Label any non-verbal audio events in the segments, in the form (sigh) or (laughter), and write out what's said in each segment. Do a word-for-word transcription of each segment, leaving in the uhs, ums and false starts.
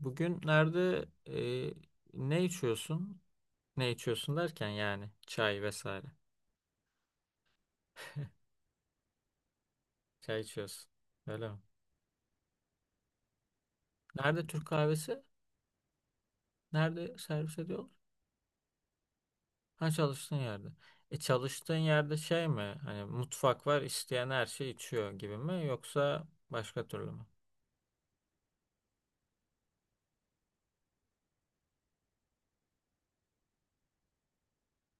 Bugün nerede e, ne içiyorsun? Ne içiyorsun derken yani çay vesaire. Çay içiyorsun. Öyle mi? Nerede Türk kahvesi? Nerede servis ediyorlar? Ha çalıştığın yerde. E çalıştığın yerde şey mi? Hani mutfak var isteyen her şeyi içiyor gibi mi? Yoksa başka türlü mü?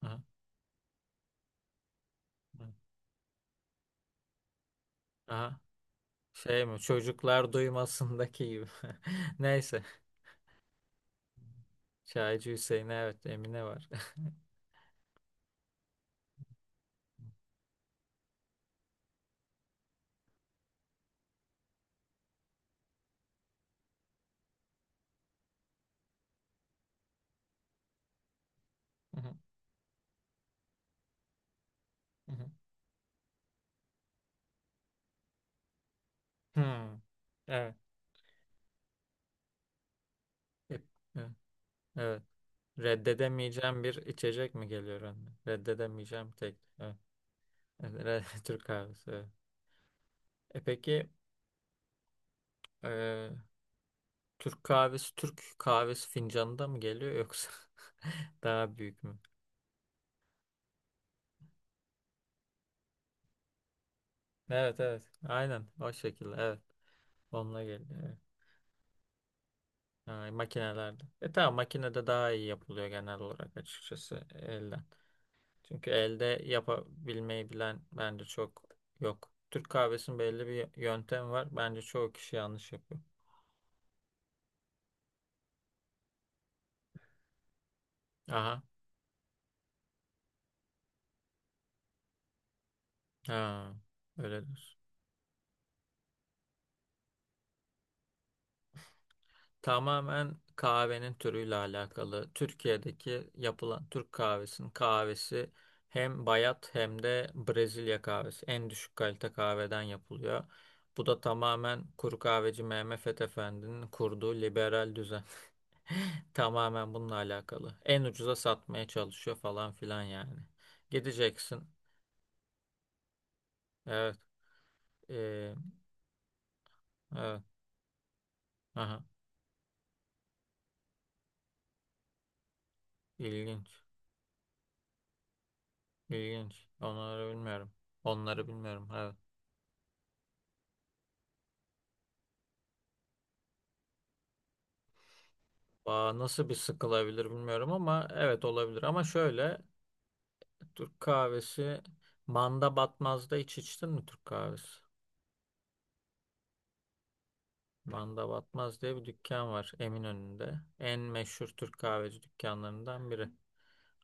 Aha. Evet. Aha. Şey mi? Çocuklar duymasındaki gibi. (laughs) Neyse. Çaycı Hüseyin evet Emine var. (laughs) Hmm. Evet. E, e, Evet. Reddedemeyeceğim bir içecek mi geliyor önüne? Reddedemeyeceğim tek. Evet. Evet, re- (laughs) Türk kahvesi. Evet. E peki e, Türk kahvesi Türk kahvesi fincanında mı geliyor yoksa (laughs) daha büyük mü? Evet, evet. Aynen o şekilde, evet. Onunla geliyor. Evet. Ha, makinelerde. E tamam, makinede daha iyi yapılıyor genel olarak, açıkçası elden. Çünkü elde yapabilmeyi bilen bence çok yok. Türk kahvesinin belli bir yöntemi var. Bence çoğu kişi yanlış yapıyor. Aha. Ha, öyledir. Tamamen kahvenin türüyle alakalı. Türkiye'deki yapılan Türk kahvesinin kahvesi hem bayat hem de Brezilya kahvesi. En düşük kalite kahveden yapılıyor. Bu da tamamen kuru kahveci Mehmet Fethi Efendi'nin kurduğu liberal düzen. (laughs) Tamamen bununla alakalı. En ucuza satmaya çalışıyor falan filan yani. Gideceksin. Evet. Ee, evet. Aha, ilginç. İlginç. Onları bilmiyorum. Onları bilmiyorum. Evet. Ba- Nasıl bir sıkılabilir bilmiyorum ama evet olabilir. Ama şöyle, Türk kahvesi Manda Batmaz'da hiç içtin mi Türk kahvesi? Manda Batmaz diye bir dükkan var Eminönü'nde. En meşhur Türk kahveci dükkanlarından biri.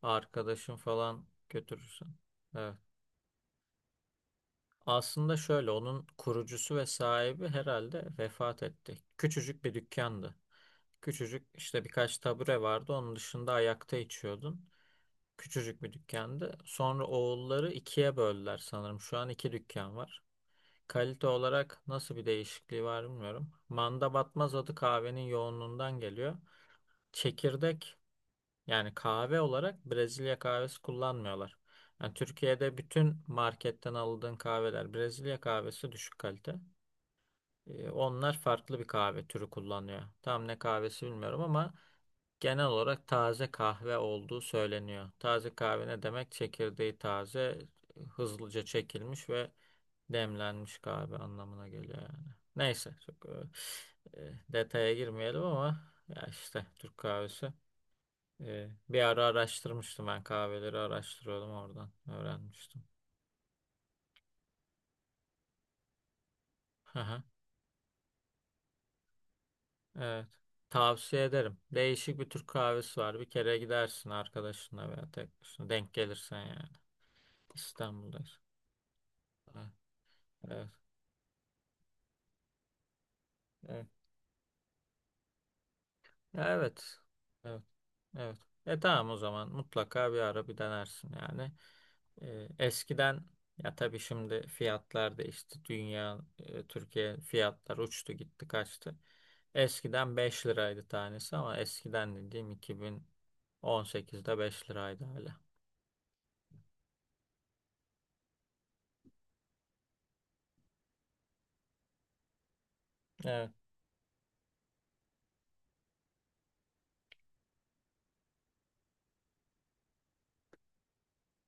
Arkadaşın falan götürürsün. Evet. Aslında şöyle, onun kurucusu ve sahibi herhalde vefat etti. Küçücük bir dükkandı. Küçücük, işte birkaç tabure vardı. Onun dışında ayakta içiyordun. Küçücük bir dükkandı. Sonra oğulları ikiye böldüler sanırım. Şu an iki dükkan var. Kalite olarak nasıl bir değişikliği var bilmiyorum. Manda batmaz adı kahvenin yoğunluğundan geliyor. Çekirdek, yani kahve olarak Brezilya kahvesi kullanmıyorlar. Yani Türkiye'de bütün marketten aldığın kahveler Brezilya kahvesi, düşük kalite. Ee, Onlar farklı bir kahve türü kullanıyor. Tam ne kahvesi bilmiyorum ama Genel olarak taze kahve olduğu söyleniyor. Taze kahve ne demek? Çekirdeği taze, hızlıca çekilmiş ve demlenmiş kahve anlamına geliyor yani. Neyse, çok e, e, detaya girmeyelim ama ya işte Türk kahvesi. E, bir ara araştırmıştım, ben kahveleri araştırıyordum, oradan öğrenmiştim. Aha, evet. Tavsiye ederim. Değişik bir Türk kahvesi var. Bir kere gidersin arkadaşınla veya tek başına, denk gelirsen yani. İstanbul'dayız. Evet. Evet. Evet. Ya, evet. Evet. Evet. E tamam, o zaman mutlaka bir ara bir denersin yani. E, eskiden, ya tabii şimdi fiyatlar değişti. Dünya, e, Türkiye fiyatlar uçtu gitti kaçtı. Eskiden beş liraydı tanesi, ama eskiden dediğim iki bin on sekizde beş liraydı hala. Evet.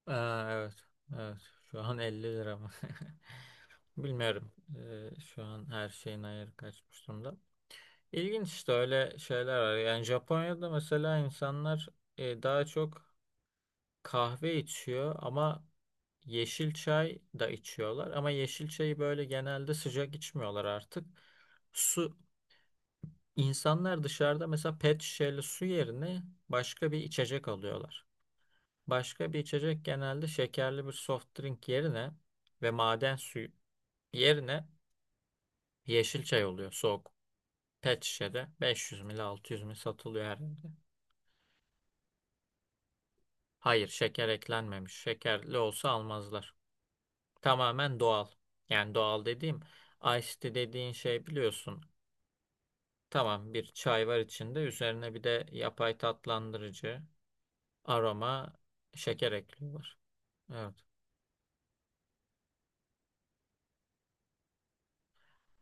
Aa, evet. Evet. Şu an elli lira mı? (laughs) Bilmiyorum. E, şu an her şeyin ayarı kaçmış durumda. İlginç, işte öyle şeyler var. Yani Japonya'da mesela insanlar e, daha çok kahve içiyor ama yeşil çay da içiyorlar. Ama yeşil çayı böyle genelde sıcak içmiyorlar artık. Su, insanlar dışarıda mesela pet şişeli su yerine başka bir içecek alıyorlar. Başka bir içecek genelde şekerli bir soft drink yerine ve maden suyu yerine yeşil çay oluyor, soğuk. Pet şişede beş yüz mililitre altı yüz mililitre satılıyor her yerde. Hayır, şeker eklenmemiş. Şekerli olsa almazlar. Tamamen doğal. Yani doğal dediğim, iced tea dediğin şey biliyorsun. Tamam, bir çay var, içinde üzerine bir de yapay tatlandırıcı, aroma, şeker ekliyorlar. Evet.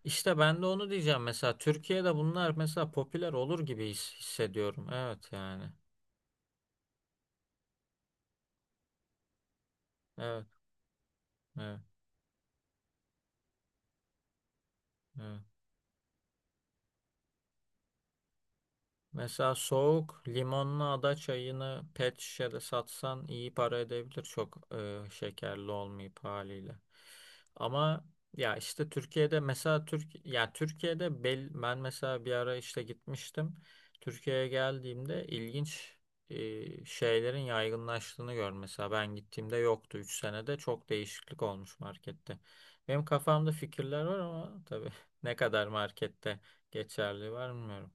İşte ben de onu diyeceğim, mesela Türkiye'de bunlar mesela popüler olur gibi his- hissediyorum. Evet yani. Evet, evet, evet. Mesela soğuk limonlu ada çayını pet şişede satsan iyi para edebilir, çok e, şekerli olmayıp haliyle. Ama ya işte Türkiye'de mesela Türk ya Türkiye'de bel, ben mesela bir ara işte gitmiştim. Türkiye'ye geldiğimde ilginç e, şeylerin yaygınlaştığını gör. Mesela ben gittiğimde yoktu, üç senede çok değişiklik olmuş markette. Benim kafamda fikirler var ama tabii (laughs) ne kadar markette geçerli var bilmiyorum.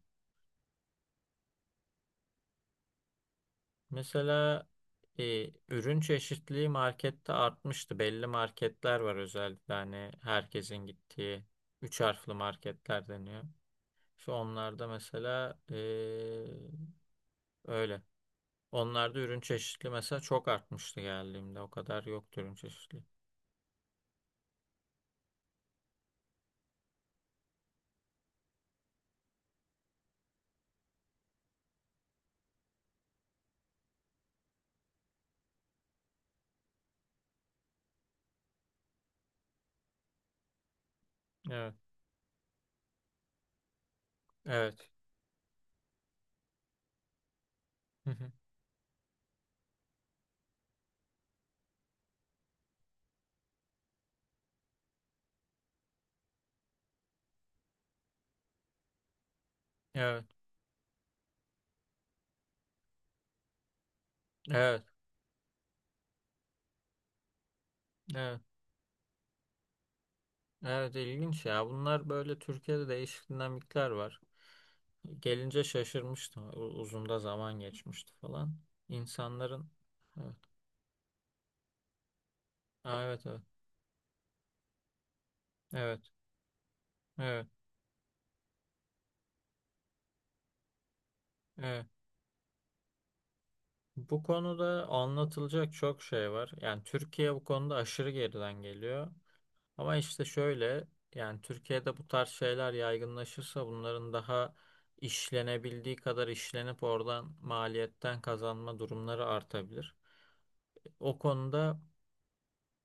Mesela e, ürün çeşitliliği markette artmıştı. Belli marketler var, özellikle hani herkesin gittiği üç harfli marketler deniyor. İşte onlarda mesela e, öyle. Onlarda ürün çeşitliliği mesela çok artmıştı geldiğimde. O kadar yoktu ürün çeşitliliği. Evet. Evet. Hı hı. Evet. Evet. Evet. Evet ilginç ya. Bunlar böyle, Türkiye'de değişik dinamikler var. Gelince şaşırmıştı. U- Uzun da zaman geçmişti falan. İnsanların. Evet. Aa, evet, evet. Evet. Evet. Evet. Bu konuda anlatılacak çok şey var. Yani Türkiye bu konuda aşırı geriden geliyor. Ama işte şöyle, yani Türkiye'de bu tarz şeyler yaygınlaşırsa bunların daha işlenebildiği kadar işlenip oradan maliyetten kazanma durumları artabilir. O konuda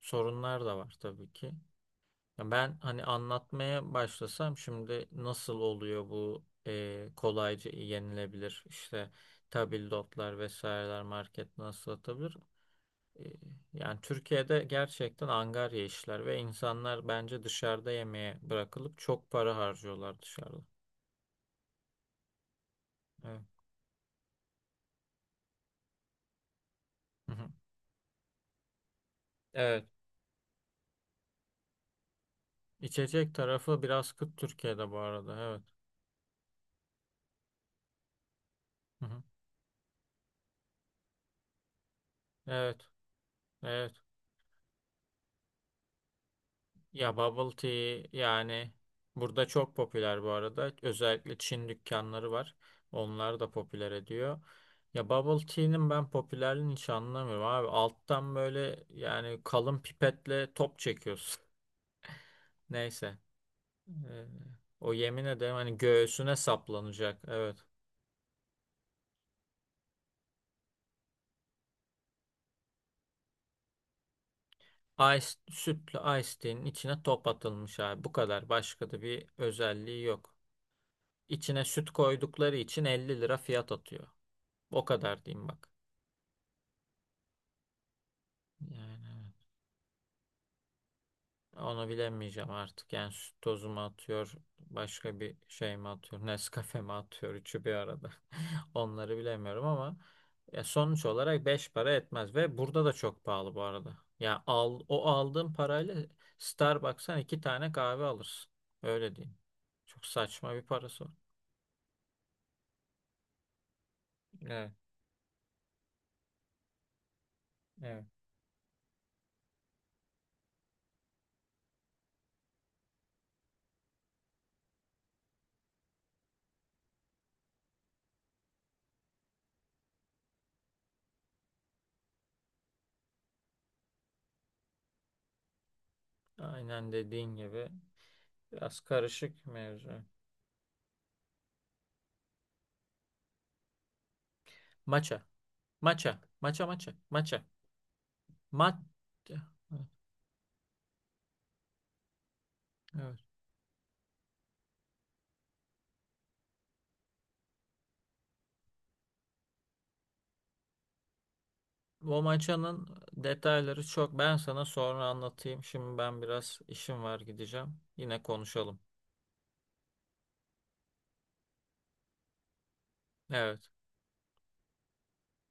sorunlar da var tabii ki. Ya Ben hani anlatmaya başlasam şimdi nasıl oluyor bu e, kolayca yenilebilir işte tabldotlar vesaireler market nasıl atabilir? E, yani Türkiye'de gerçekten angarya işler ve insanlar bence dışarıda yemeğe bırakılıp çok para harcıyorlar dışarıda. Evet. Hı hı. Evet. İçecek tarafı biraz kıt Türkiye'de bu arada. Evet. Hı hı. Evet. Evet. Ya bubble tea yani burada çok popüler bu arada. Özellikle Çin dükkanları var. Onlar da popüler ediyor. Ya bubble tea'nin ben popülerliğini hiç anlamıyorum abi. Alttan böyle yani kalın pipetle top çekiyorsun. (laughs) Neyse. Ee, o yemin ederim hani göğsüne saplanacak. Evet. Ice, sütlü ice tea'nin içine top atılmış abi. Bu kadar. Başka da bir özelliği yok. İçine süt koydukları için elli lira fiyat atıyor. O kadar diyeyim bak. Yani evet. onu bilemeyeceğim artık. Yani süt tozu mu atıyor, başka bir şey mi atıyor, (laughs) Nescafe mi atıyor, üçü bir arada. (laughs) Onları bilemiyorum ama ya sonuç olarak beş para etmez ve burada da çok pahalı bu arada. Ya al, o aldığın parayla Starbucks'tan iki tane kahve alırsın. Öyle diyeyim. Çok saçma bir parası var. Evet, evet. Aynen dediğin gibi, biraz karışık mevzu. Maça, maça, maça, maça, maça, maça. Evet. Bu maçanın detayları çok. Ben sana sonra anlatayım. Şimdi ben biraz işim var, gideceğim. Yine konuşalım. Evet.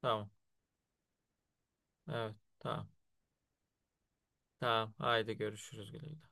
Tamam. Evet. Tamam. Tamam. Haydi görüşürüz, güle güle.